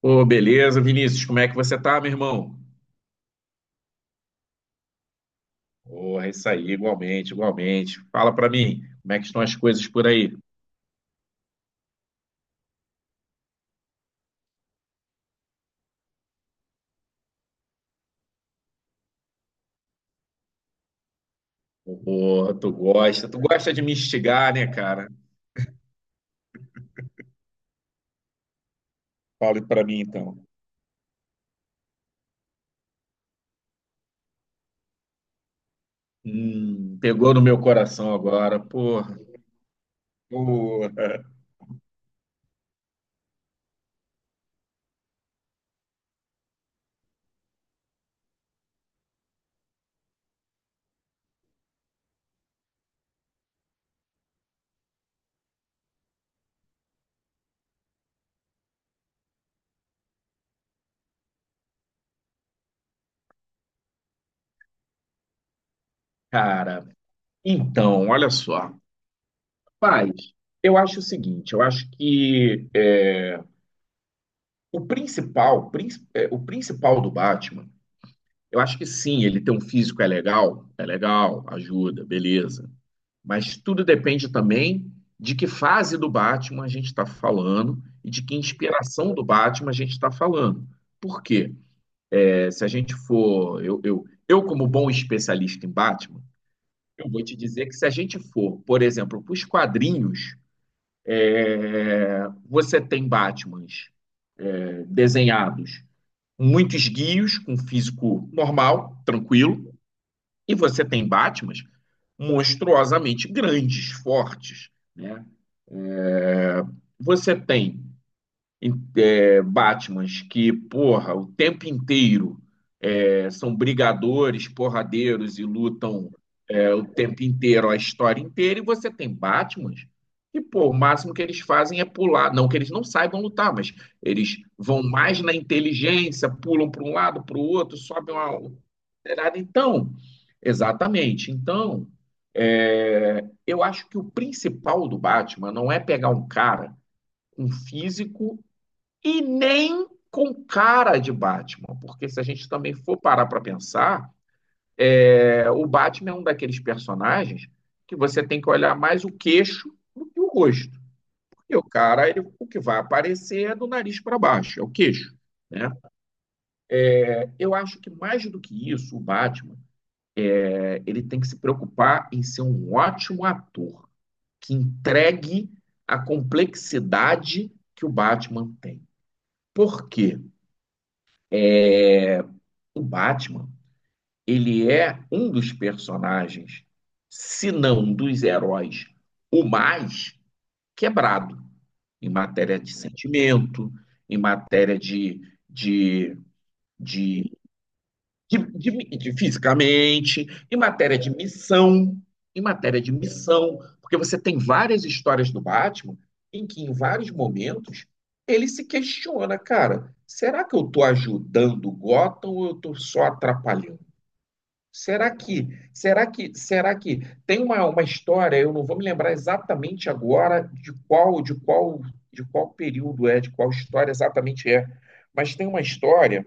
Ô, beleza, Vinícius, como é que você tá, meu irmão? Porra, isso aí, igualmente, igualmente. Fala pra mim, como é que estão as coisas por aí? Porra, tu gosta de me instigar, né, cara? Fale pra mim, então. Pegou no meu coração agora, porra. Cara, então, olha só. Paz, eu acho o seguinte, eu acho que é, o principal, prin- é, o principal do Batman. Eu acho que sim, ele ter um físico é legal, ajuda, beleza. Mas tudo depende também de que fase do Batman a gente está falando e de que inspiração do Batman a gente está falando. Por quê? Se a gente for. Eu, como bom especialista em Batman, eu vou te dizer que se a gente for, por exemplo, para os quadrinhos, você tem Batmans desenhados muito esguios, com físico normal, tranquilo. E você tem Batmans monstruosamente grandes, fortes. Né? É, você tem Batmans que, porra, o tempo inteiro são brigadores, porradeiros e lutam o tempo inteiro, a história inteira, e você tem Batmans que, pô, o máximo que eles fazem é pular. Não que eles não saibam lutar, mas eles vão mais na inteligência, pulam para um lado, para o outro, sobem uma. Então, exatamente. Então, eu acho que o principal do Batman não é pegar um cara com físico e nem com cara de Batman, porque se a gente também for parar para pensar, o Batman é um daqueles personagens que você tem que olhar mais o queixo do que o rosto. E o cara, o que vai aparecer é do nariz para baixo, é o queixo. Né? Eu acho que mais do que isso, o Batman, ele tem que se preocupar em ser um ótimo ator que entregue a complexidade que o Batman tem. Por quê? O Batman, ele é um dos personagens, se não um dos heróis, o mais quebrado em matéria de sentimento, em matéria de, de, de fisicamente, em matéria de missão, em matéria de missão, porque você tem várias histórias do Batman em que em vários momentos ele se questiona, cara, será que eu estou ajudando o Gotham ou eu estou só atrapalhando? Será que tem uma história, eu não vou me lembrar exatamente agora de qual período é, de qual história exatamente é, mas tem uma história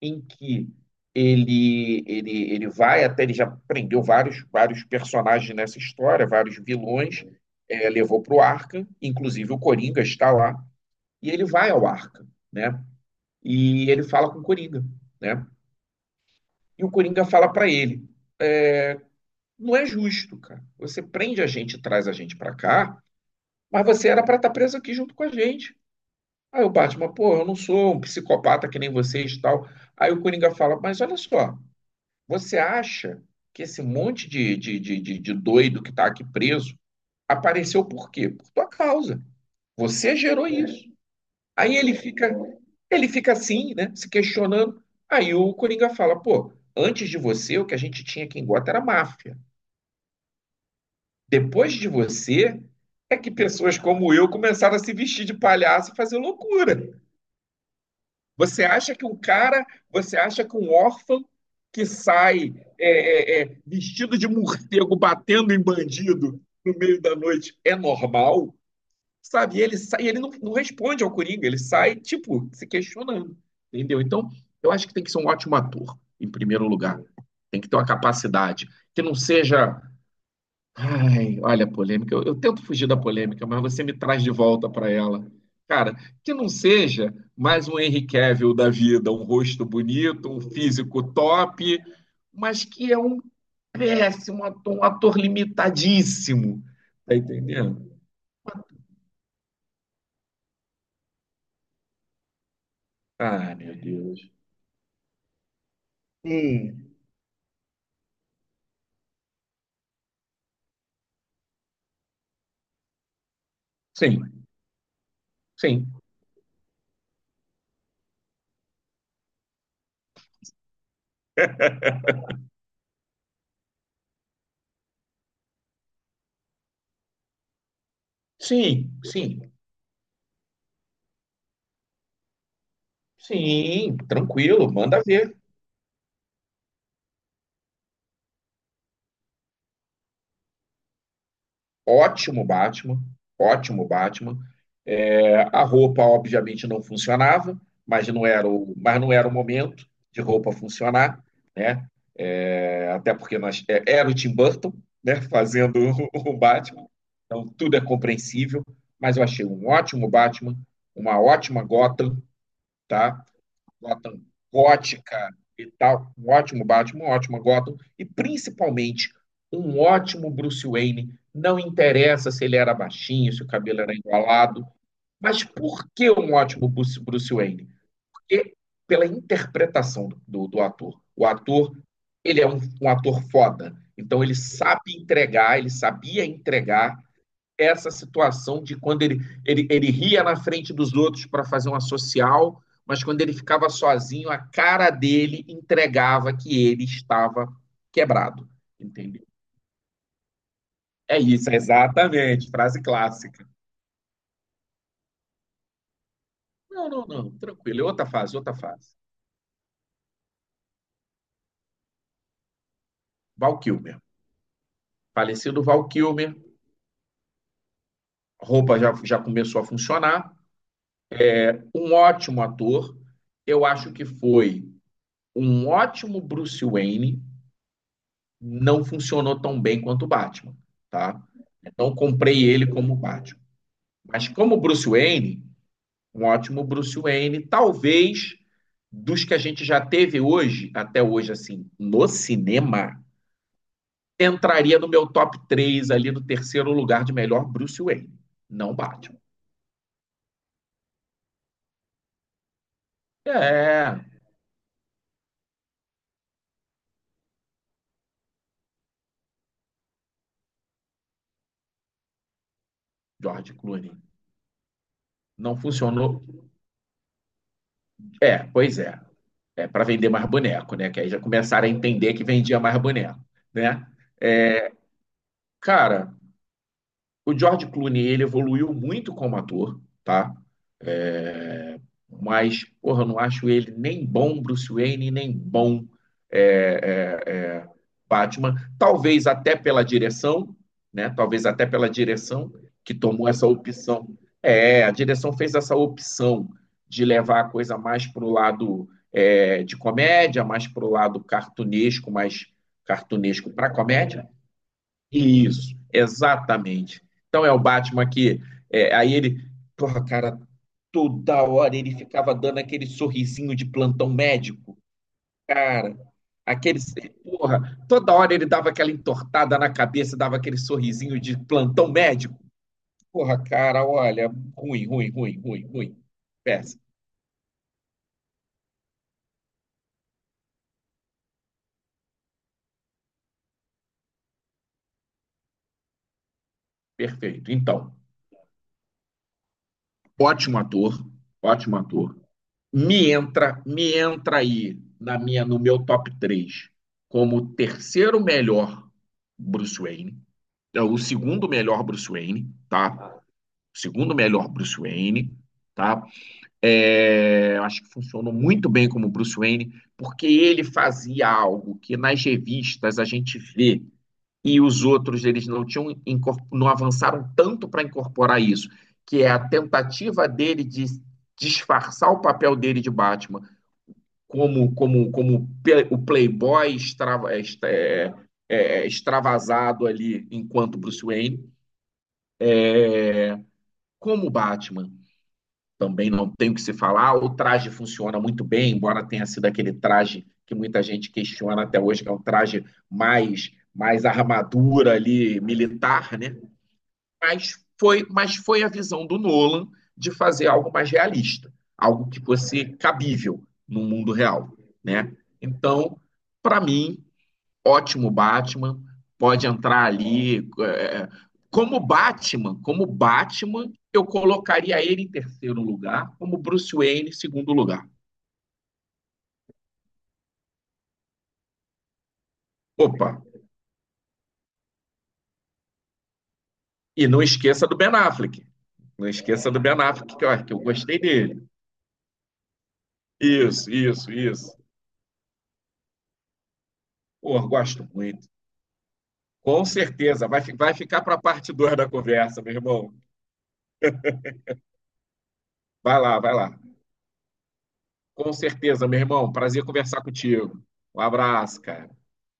em que ele vai até ele já prendeu vários personagens nessa história, vários vilões, levou para o Arca, inclusive o Coringa está lá, e ele vai ao Arca, né? E ele fala com o Coringa, né? E o Coringa fala para ele: não é justo, cara. Você prende a gente, traz a gente pra cá, mas você era pra estar preso aqui junto com a gente. Aí o Batman, pô, eu não sou um psicopata que nem vocês e tal. Aí o Coringa fala, mas olha só, você acha que esse monte de doido que tá aqui preso apareceu por quê? Por tua causa. Você gerou isso. Aí ele fica assim, né, se questionando. Aí o Coringa fala, pô, antes de você, o que a gente tinha aqui em Gota era máfia. Depois de você, é que pessoas como eu começaram a se vestir de palhaço e fazer loucura. Você acha que um cara, você acha que um órfão que sai vestido de morcego batendo em bandido no meio da noite é normal? Sabe? E ele sai, ele não, não responde ao Coringa, ele sai, tipo, se questionando, entendeu? Então, eu acho que tem que ser um ótimo ator, em primeiro lugar. Tem que ter uma capacidade que não seja. Ai, olha a polêmica. Eu tento fugir da polêmica, mas você me traz de volta para ela. Cara, que não seja mais um Henry Cavill da vida, um rosto bonito, um físico top, mas que é um péssimo ator, um ator limitadíssimo. Tá entendendo? Ah, meu Deus. Hum, sim, sim, sim, sim, sim, tranquilo, manda ver. Ótimo Batman, ótimo Batman. É, a roupa, obviamente, não funcionava, mas não era o, mas não era o momento de roupa funcionar, né? É, até porque nós, é, era o Tim Burton, né, fazendo o Batman, então tudo é compreensível, mas eu achei um ótimo Batman, uma ótima Gotham, tá? Gotham gótica e tal. Um ótimo Batman, um ótimo Gotham. E principalmente um ótimo Bruce Wayne. Não interessa se ele era baixinho, se o cabelo era enrolado. Mas por que um ótimo Bruce Wayne? Porque pela interpretação do ator. O ator, ele é um ator foda. Então ele sabe entregar, ele sabia entregar essa situação de quando ele, ele ria na frente dos outros para fazer uma social, mas quando ele ficava sozinho, a cara dele entregava que ele estava quebrado, entendeu? É isso, exatamente, frase clássica. Não, não, não, tranquilo, é outra fase, outra fase. Val Kilmer, falecido Val Kilmer, roupa já, já começou a funcionar, um ótimo ator, eu acho que foi um ótimo Bruce Wayne, não funcionou tão bem quanto o Batman, tá? Não comprei ele como Batman. Mas como Bruce Wayne, um ótimo Bruce Wayne, talvez dos que a gente já teve hoje, até hoje, assim, no cinema, entraria no meu top 3 ali no terceiro lugar de melhor Bruce Wayne. Não Batman. É, George Clooney. Não funcionou. É, pois é. É para vender mais boneco, né? Que aí já começaram a entender que vendia mais boneco, né? É, cara, o George Clooney, ele evoluiu muito como ator, tá? É, mas, porra, eu não acho ele nem bom Bruce Wayne, nem bom é, é, é, Batman. Talvez até pela direção, né? Talvez até pela direção que tomou essa opção. É, a direção fez essa opção de levar a coisa mais para o lado de comédia, mais para o lado cartunesco, mais cartunesco para comédia. Isso, exatamente. Então é o Batman que. Aí ele. Porra, cara, toda hora ele ficava dando aquele sorrisinho de plantão médico. Cara, aquele. Porra, toda hora ele dava aquela entortada na cabeça, dava aquele sorrisinho de plantão médico. Porra, cara, olha, ruim, ruim, ruim, ruim, ruim. Péssimo, perfeito. Então, ótimo ator, ótimo ator. Me entra, me entra aí na minha, no meu top 3 como o terceiro melhor Bruce Wayne. É o segundo melhor Bruce Wayne, tá? O segundo melhor Bruce Wayne, tá? É, acho que funcionou muito bem como Bruce Wayne, porque ele fazia algo que nas revistas a gente vê e os outros eles não tinham não avançaram tanto para incorporar isso, que é a tentativa dele de disfarçar o papel dele de Batman como o playboy extravasado ali enquanto Bruce Wayne, como Batman. Também não tem o que se falar. O traje funciona muito bem, embora tenha sido aquele traje que muita gente questiona até hoje, que é um traje mais armadura ali militar, né? Mas foi a visão do Nolan de fazer algo mais realista, algo que fosse cabível no mundo real, né? Então, para mim, ótimo Batman, pode entrar ali. Como Batman, eu colocaria ele em terceiro lugar, como Bruce Wayne em segundo lugar. Opa, e não esqueça do Ben Affleck. Não esqueça do Ben Affleck, que, ó, que eu gostei dele. Isso, isso, isso. Pô, gosto muito. Com certeza, vai, vai ficar para a parte 2 da conversa, meu irmão. Vai lá, vai lá. Com certeza, meu irmão. Prazer conversar contigo. Um abraço, cara.